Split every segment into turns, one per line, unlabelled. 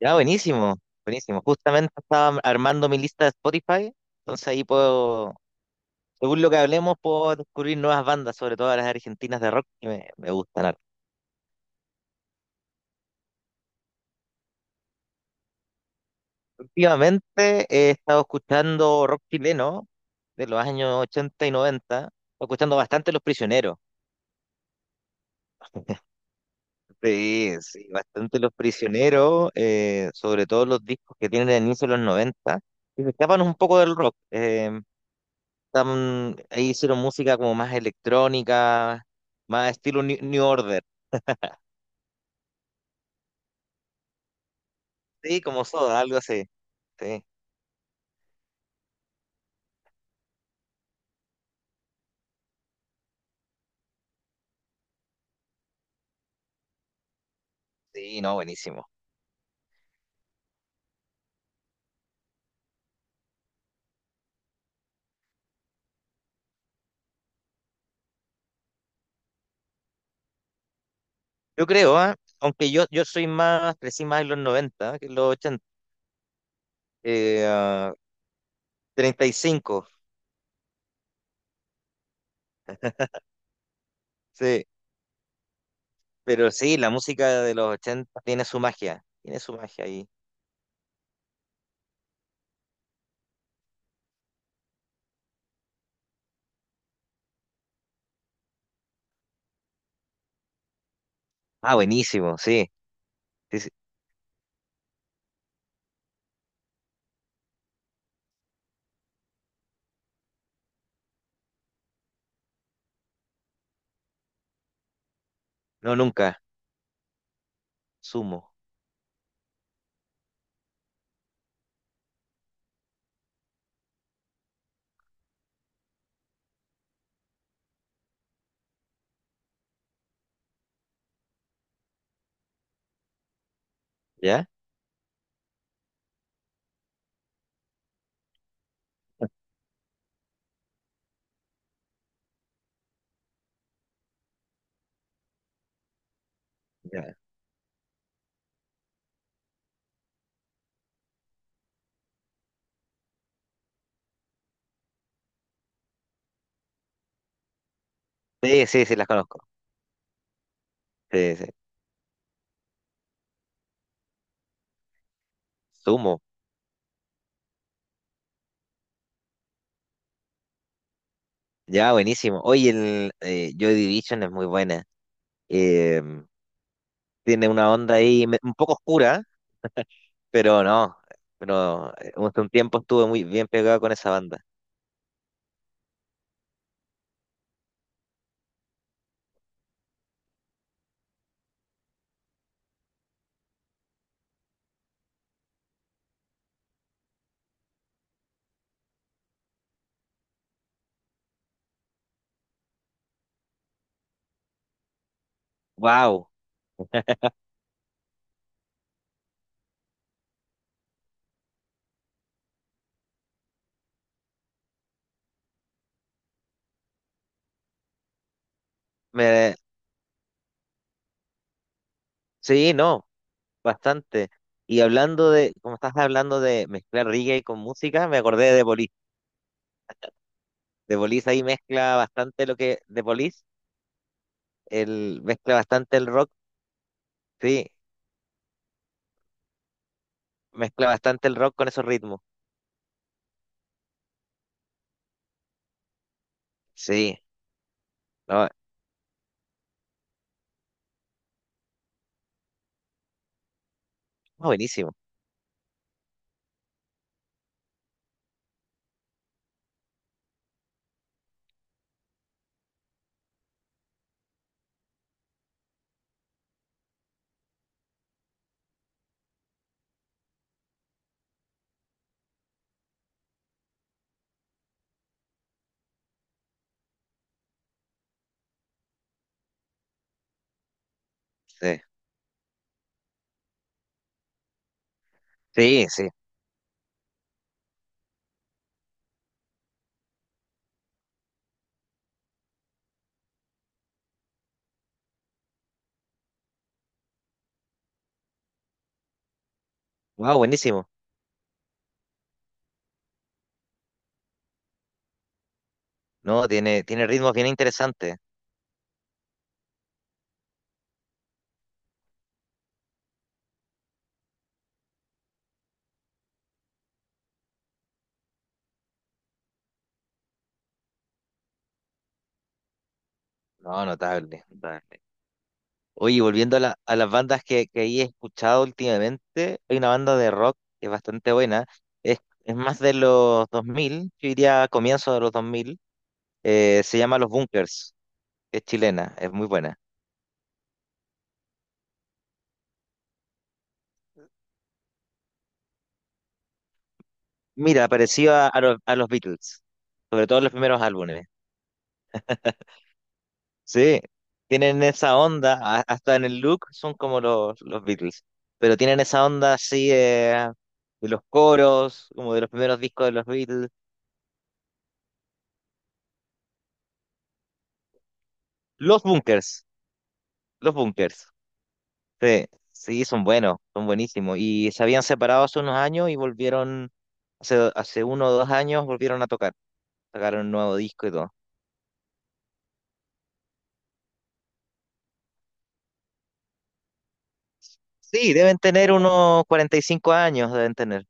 Ya, buenísimo, buenísimo. Justamente estaba armando mi lista de Spotify, entonces ahí puedo, según lo que hablemos, puedo descubrir nuevas bandas, sobre todo las argentinas de rock que me gustan harto. Últimamente he estado escuchando rock chileno de los años 80 y noventa. Estoy escuchando bastante Los Prisioneros. Sí, sí, bastante Los Prisioneros, sobre todo los discos que tienen el inicio de los 90 que se escapan un poco del rock. Ahí hicieron música como más electrónica, más estilo New Order, sí, como Soda, algo así, sí, sí, no, buenísimo. Yo creo, ¿ah? Aunque yo soy más, crecí más en los noventa que en los 80, eh, ah, 35, sí, pero sí, la música de los 80 tiene su magia ahí. Ah, buenísimo, sí, sí, sí. No, nunca, Sumo, ¿ya? Ya. Sí, sí, sí, las conozco, sí, sí, Sumo. Ya, buenísimo. Oye, el Joy Division es muy buena. Eh, tiene una onda ahí un poco oscura, pero no, pero hace un tiempo estuve muy bien pegado con esa banda. Wow, me sí, no, bastante. Y hablando de, como estás hablando de mezclar reggae con música, me acordé de The Police. The Police ahí mezcla bastante lo que The Police, el mezcla bastante el rock, sí, mezcla bastante el rock con esos ritmos. Sí, no, no, buenísimo. Sí, sí, sí. Wow, buenísimo. No, tiene ritmos bien interesantes. No, notable, notable. Oye, volviendo a, a las bandas que ahí he escuchado últimamente, hay una banda de rock que es bastante buena, es, es más de los dos mil, yo diría comienzo de los 2000, se llama Los Bunkers, es chilena, es muy buena. Mira, parecido a los Beatles, sobre todo los primeros álbumes. Sí, tienen esa onda, hasta en el look son como los Beatles, pero tienen esa onda así de los coros, como de los primeros discos de los Beatles. Los Bunkers, los Bunkers. Sí, sí, son buenos, son buenísimos. Y se habían separado hace unos años y volvieron, hace, hace uno o dos años volvieron a tocar. Sacaron un nuevo disco y todo. Sí, deben tener unos 45 años, deben tener.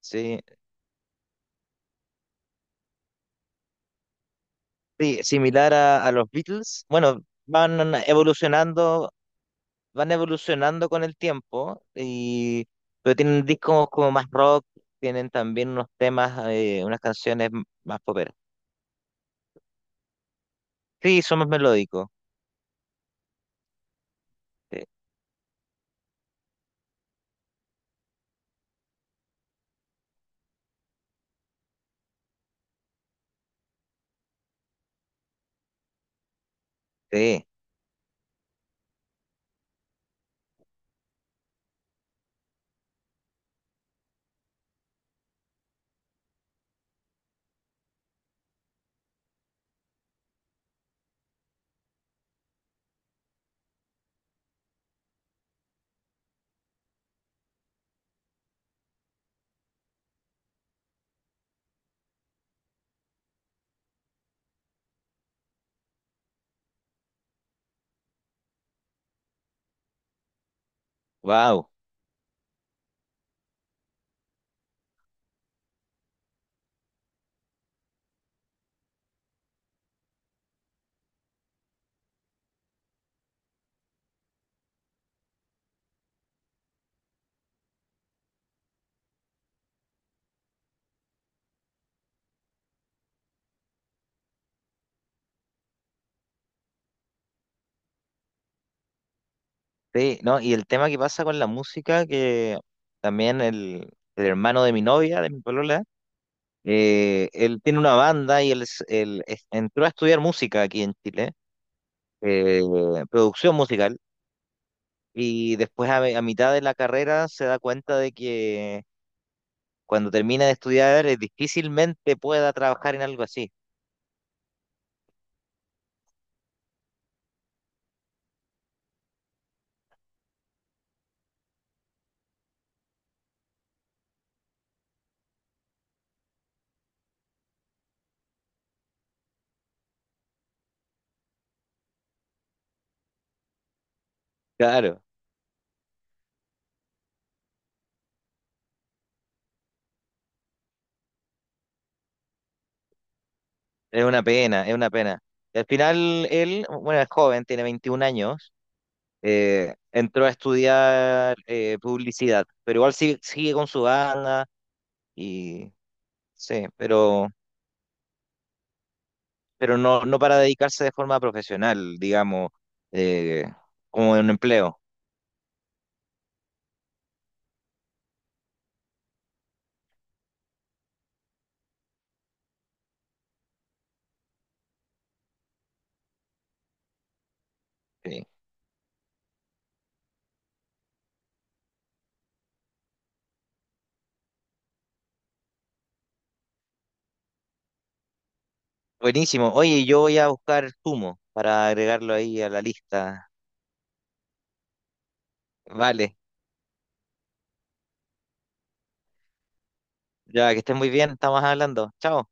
Sí, sí, similar a los Beatles. Bueno, van evolucionando, van evolucionando con el tiempo, y, pero tienen discos como más rock, tienen también unos temas, unas canciones más poperas. Sí, son más melódicos. Sí. Sí, wow, sí, no, y el tema que pasa con la música, que también el hermano de mi novia, de mi polola, él tiene una banda y él, él entró a estudiar música aquí en Chile, eh, producción musical, y después a mitad de la carrera se da cuenta de que cuando termina de estudiar difícilmente pueda trabajar en algo así. Claro, es una pena, es una pena. Al final él, bueno, es joven, tiene 21 años, entró a estudiar publicidad, pero igual sigue, sigue con su banda y sí, pero no, no para dedicarse de forma profesional, digamos, eh, como en un empleo. Sí. Buenísimo. Oye, yo voy a buscar Sumo para agregarlo ahí a la lista. Vale, ya que estés muy bien, estamos hablando. Chao.